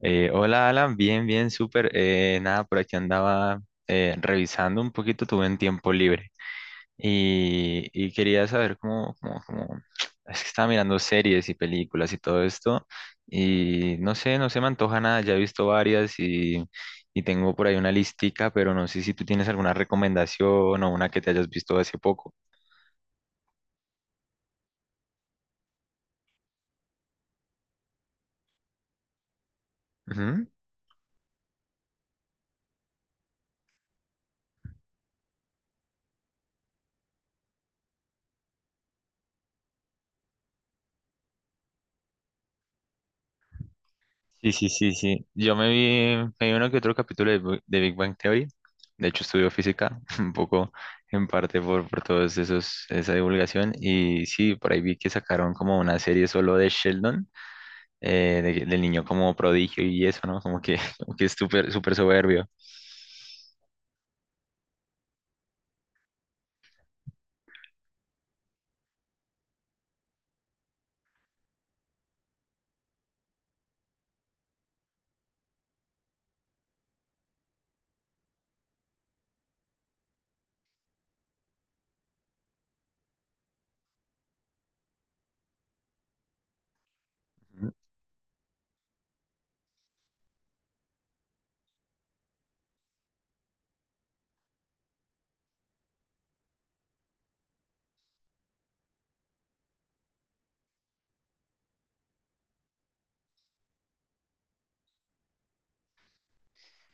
Hola Alan, bien, bien, súper. Nada, por aquí andaba revisando un poquito, tuve un tiempo libre y quería saber Es que estaba mirando series y películas y todo esto, y no sé, no se me antoja nada, ya he visto varias, y tengo por ahí una listica, pero no sé si tú tienes alguna recomendación o una que te hayas visto hace poco. Sí, sí, sí, sí. Yo me vi uno que otro capítulo de Big Bang Theory. De hecho, estudio física, un poco en parte por todos esos, esa divulgación. Y sí, por ahí vi que sacaron como una serie solo de Sheldon, del niño como prodigio y eso, ¿no? Como que, como que es súper, súper soberbio.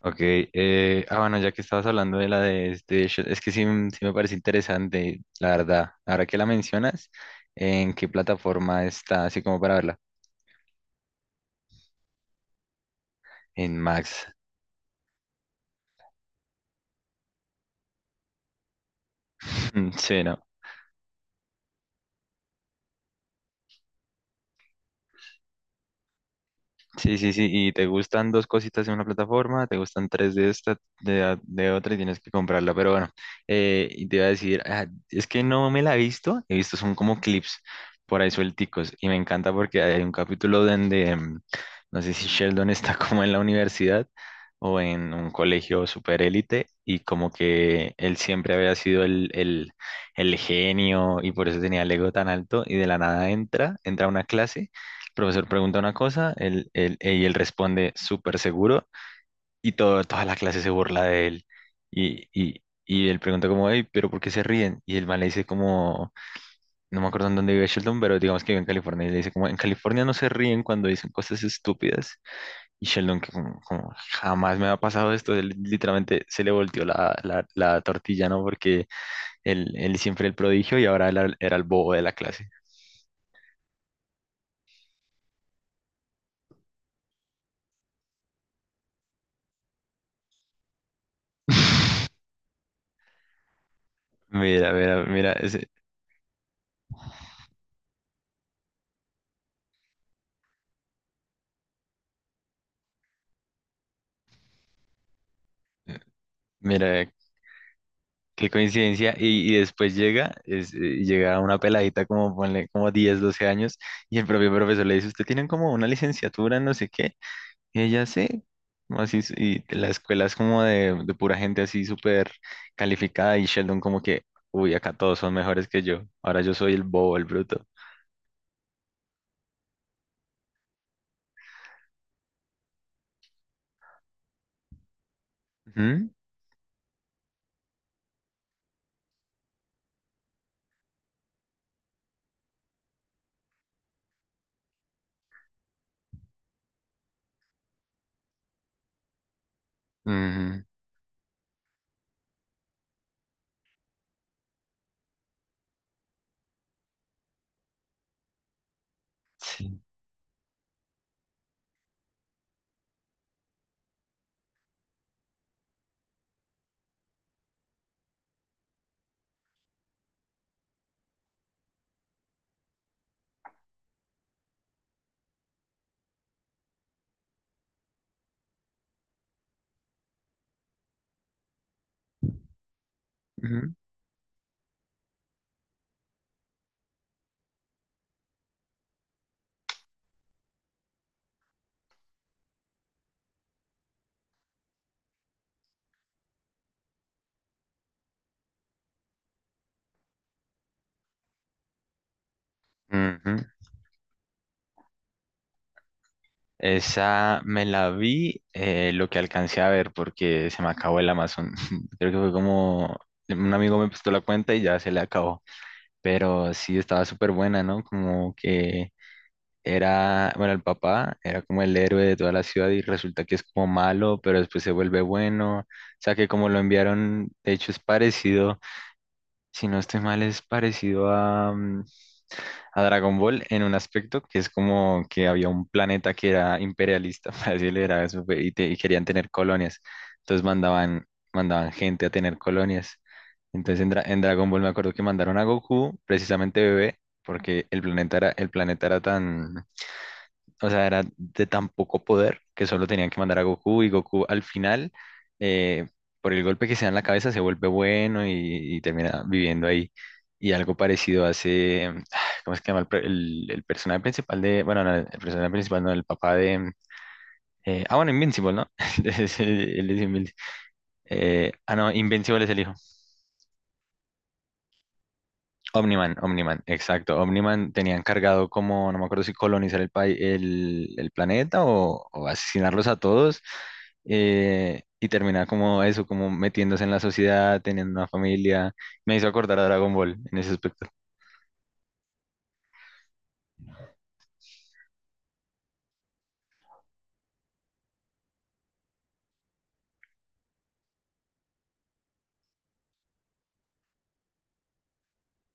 Ok, bueno, ya que estabas hablando de la de es que sí, sí me parece interesante, la verdad. Ahora que la mencionas, ¿en qué plataforma está? Así como para verla. En Max. Sí, ¿no? Sí, sí, sí, y te gustan dos cositas en una plataforma, te gustan tres de esta, de otra y tienes que comprarla, pero bueno, y te iba a decir, ah, es que no me la he visto son como clips por ahí suelticos, y me encanta porque hay un capítulo donde, no sé si Sheldon está como en la universidad o en un colegio super élite, y como que él siempre había sido el genio, y por eso tenía el ego tan alto, y de la nada entra a una clase, profesor pregunta una cosa, y él responde súper seguro, y todo, toda la clase se burla de él. Y él pregunta como, hey, pero ¿por qué se ríen? Y el man le dice como, no me acuerdo en dónde vive Sheldon, pero digamos que vive en California. Y le dice como, en California no se ríen cuando dicen cosas estúpidas. Y Sheldon que como, jamás me ha pasado esto, él literalmente se le volteó la tortilla, ¿no? Porque él siempre el prodigio, y ahora él era el bobo de la clase. Mira, mira, mira, mira qué coincidencia. Y después llega, llega una peladita como, ponle, como 10 12 años, y el propio profesor le dice, usted tiene como una licenciatura, en no sé qué. Y ella sí, como así, y la escuela es como de pura gente así súper calificada, y Sheldon como que, uy, acá todos son mejores que yo. Ahora yo soy el bobo, el bruto. Ujú, ujú, sí, ujú, ujú. Esa me la vi, lo que alcancé a ver porque se me acabó el Amazon. Creo que fue como un amigo me prestó la cuenta y ya se le acabó. Pero sí estaba súper buena, ¿no? Como que era, bueno, el papá era como el héroe de toda la ciudad, y resulta que es como malo, pero después se vuelve bueno. O sea que como lo enviaron, de hecho es parecido, si no estoy mal, es parecido a Dragon Ball, en un aspecto que es como que había un planeta que era imperialista, para decirlo, era eso, fue, y, te- y querían tener colonias. Entonces mandaban, gente a tener colonias. Entonces en, en Dragon Ball me acuerdo que mandaron a Goku, precisamente bebé, porque el planeta era tan, o sea, era de tan poco poder, que solo tenían que mandar a Goku, y Goku al final, eh, por el golpe que se da en la cabeza, se vuelve bueno, y termina viviendo ahí. Y algo parecido hace, ¿cómo es que se llama? El personaje principal de, bueno, no, el personaje principal, no, el papá de, bueno, Invincible, ¿no? Él es, él es Invin- no, Invincible es el hijo. Omniman, Omniman, exacto. Omniman tenía encargado como, no me acuerdo si colonizar el planeta, o asesinarlos a todos, y terminar como eso, como metiéndose en la sociedad, teniendo una familia. Me hizo acordar a Dragon Ball en ese aspecto.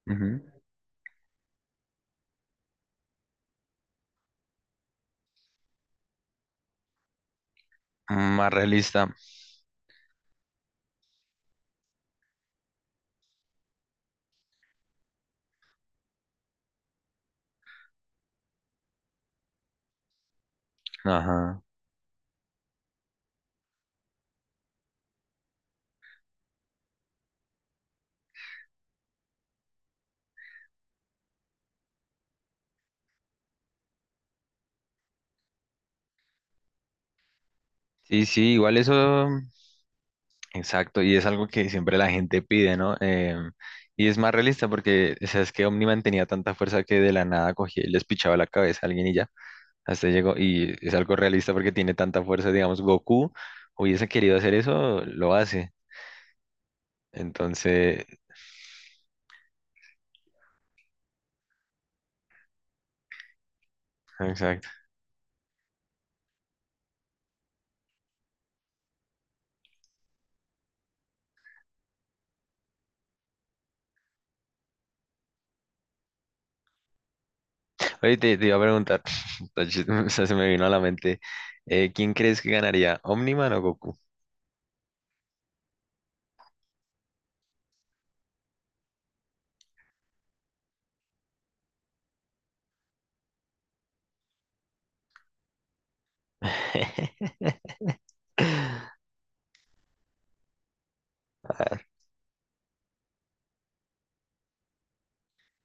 Ujú. Más realista. Ajá. Sí, sí, igual eso, exacto, y es algo que siempre la gente pide, ¿no? Y es más realista porque, o sea, es que Omniman tenía tanta fuerza que de la nada cogía y les pichaba la cabeza a alguien y ya. Hasta ahí llegó, y es algo realista porque tiene tanta fuerza, digamos, Goku hubiese querido hacer eso, lo hace. Entonces, exacto. Oye, te iba a preguntar, está o sea, se me vino a la mente, ¿quién crees que ganaría, Omniman o Goku? Ah,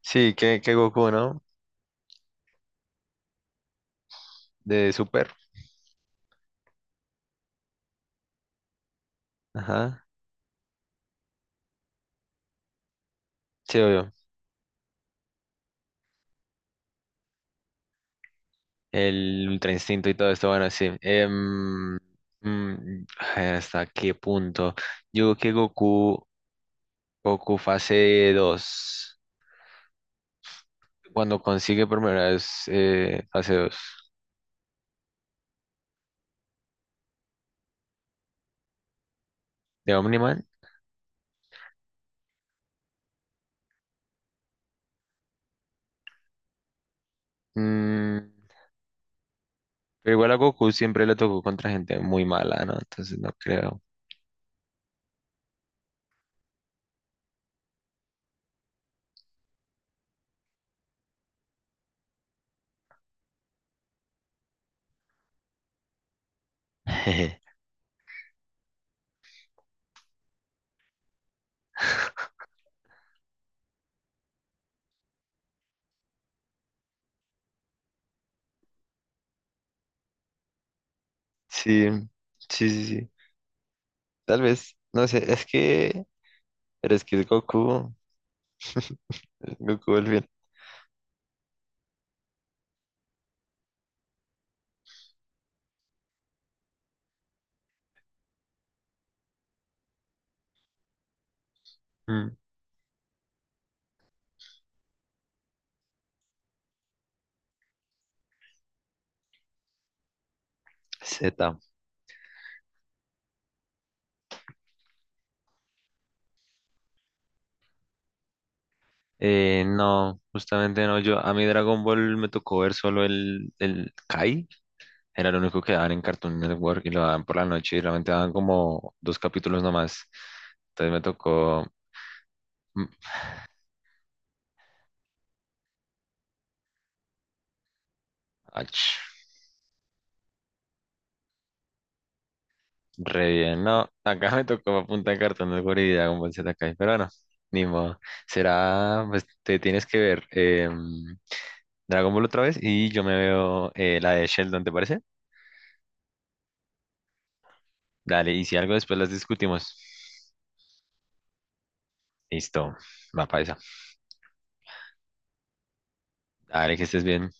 Sí, que Goku, ¿no? De Super. Ajá. Sí, obvio. El Ultra Instinto y todo esto, bueno, sí. Mm, ay, ¿hasta qué punto? Yo creo que Goku, fase dos. Cuando consigue por primera vez fase 2 de Omniman. mm, pero igual a Goku siempre le tocó contra gente muy mala, ¿no? Entonces no creo. Sí, sí, sí, sí. Tal vez, no sé, es que, pero es que es Goku al fin. Mm, Z. No, justamente no, yo, a mí Dragon Ball me tocó ver solo el Kai, era lo único que daban en Cartoon Network, y lo daban por la noche, y realmente daban como dos capítulos nomás. Entonces me tocó. Mm, ach, Re bien, no. Acá me tocó punta de cartón de Guri con Dragon Ball Z, pero bueno, ni modo. Será, pues te tienes que ver Dragon Ball otra vez, y yo me veo la de Sheldon, ¿te parece? Dale, y si algo después las discutimos. Listo, va para esa. Dale, que estés bien.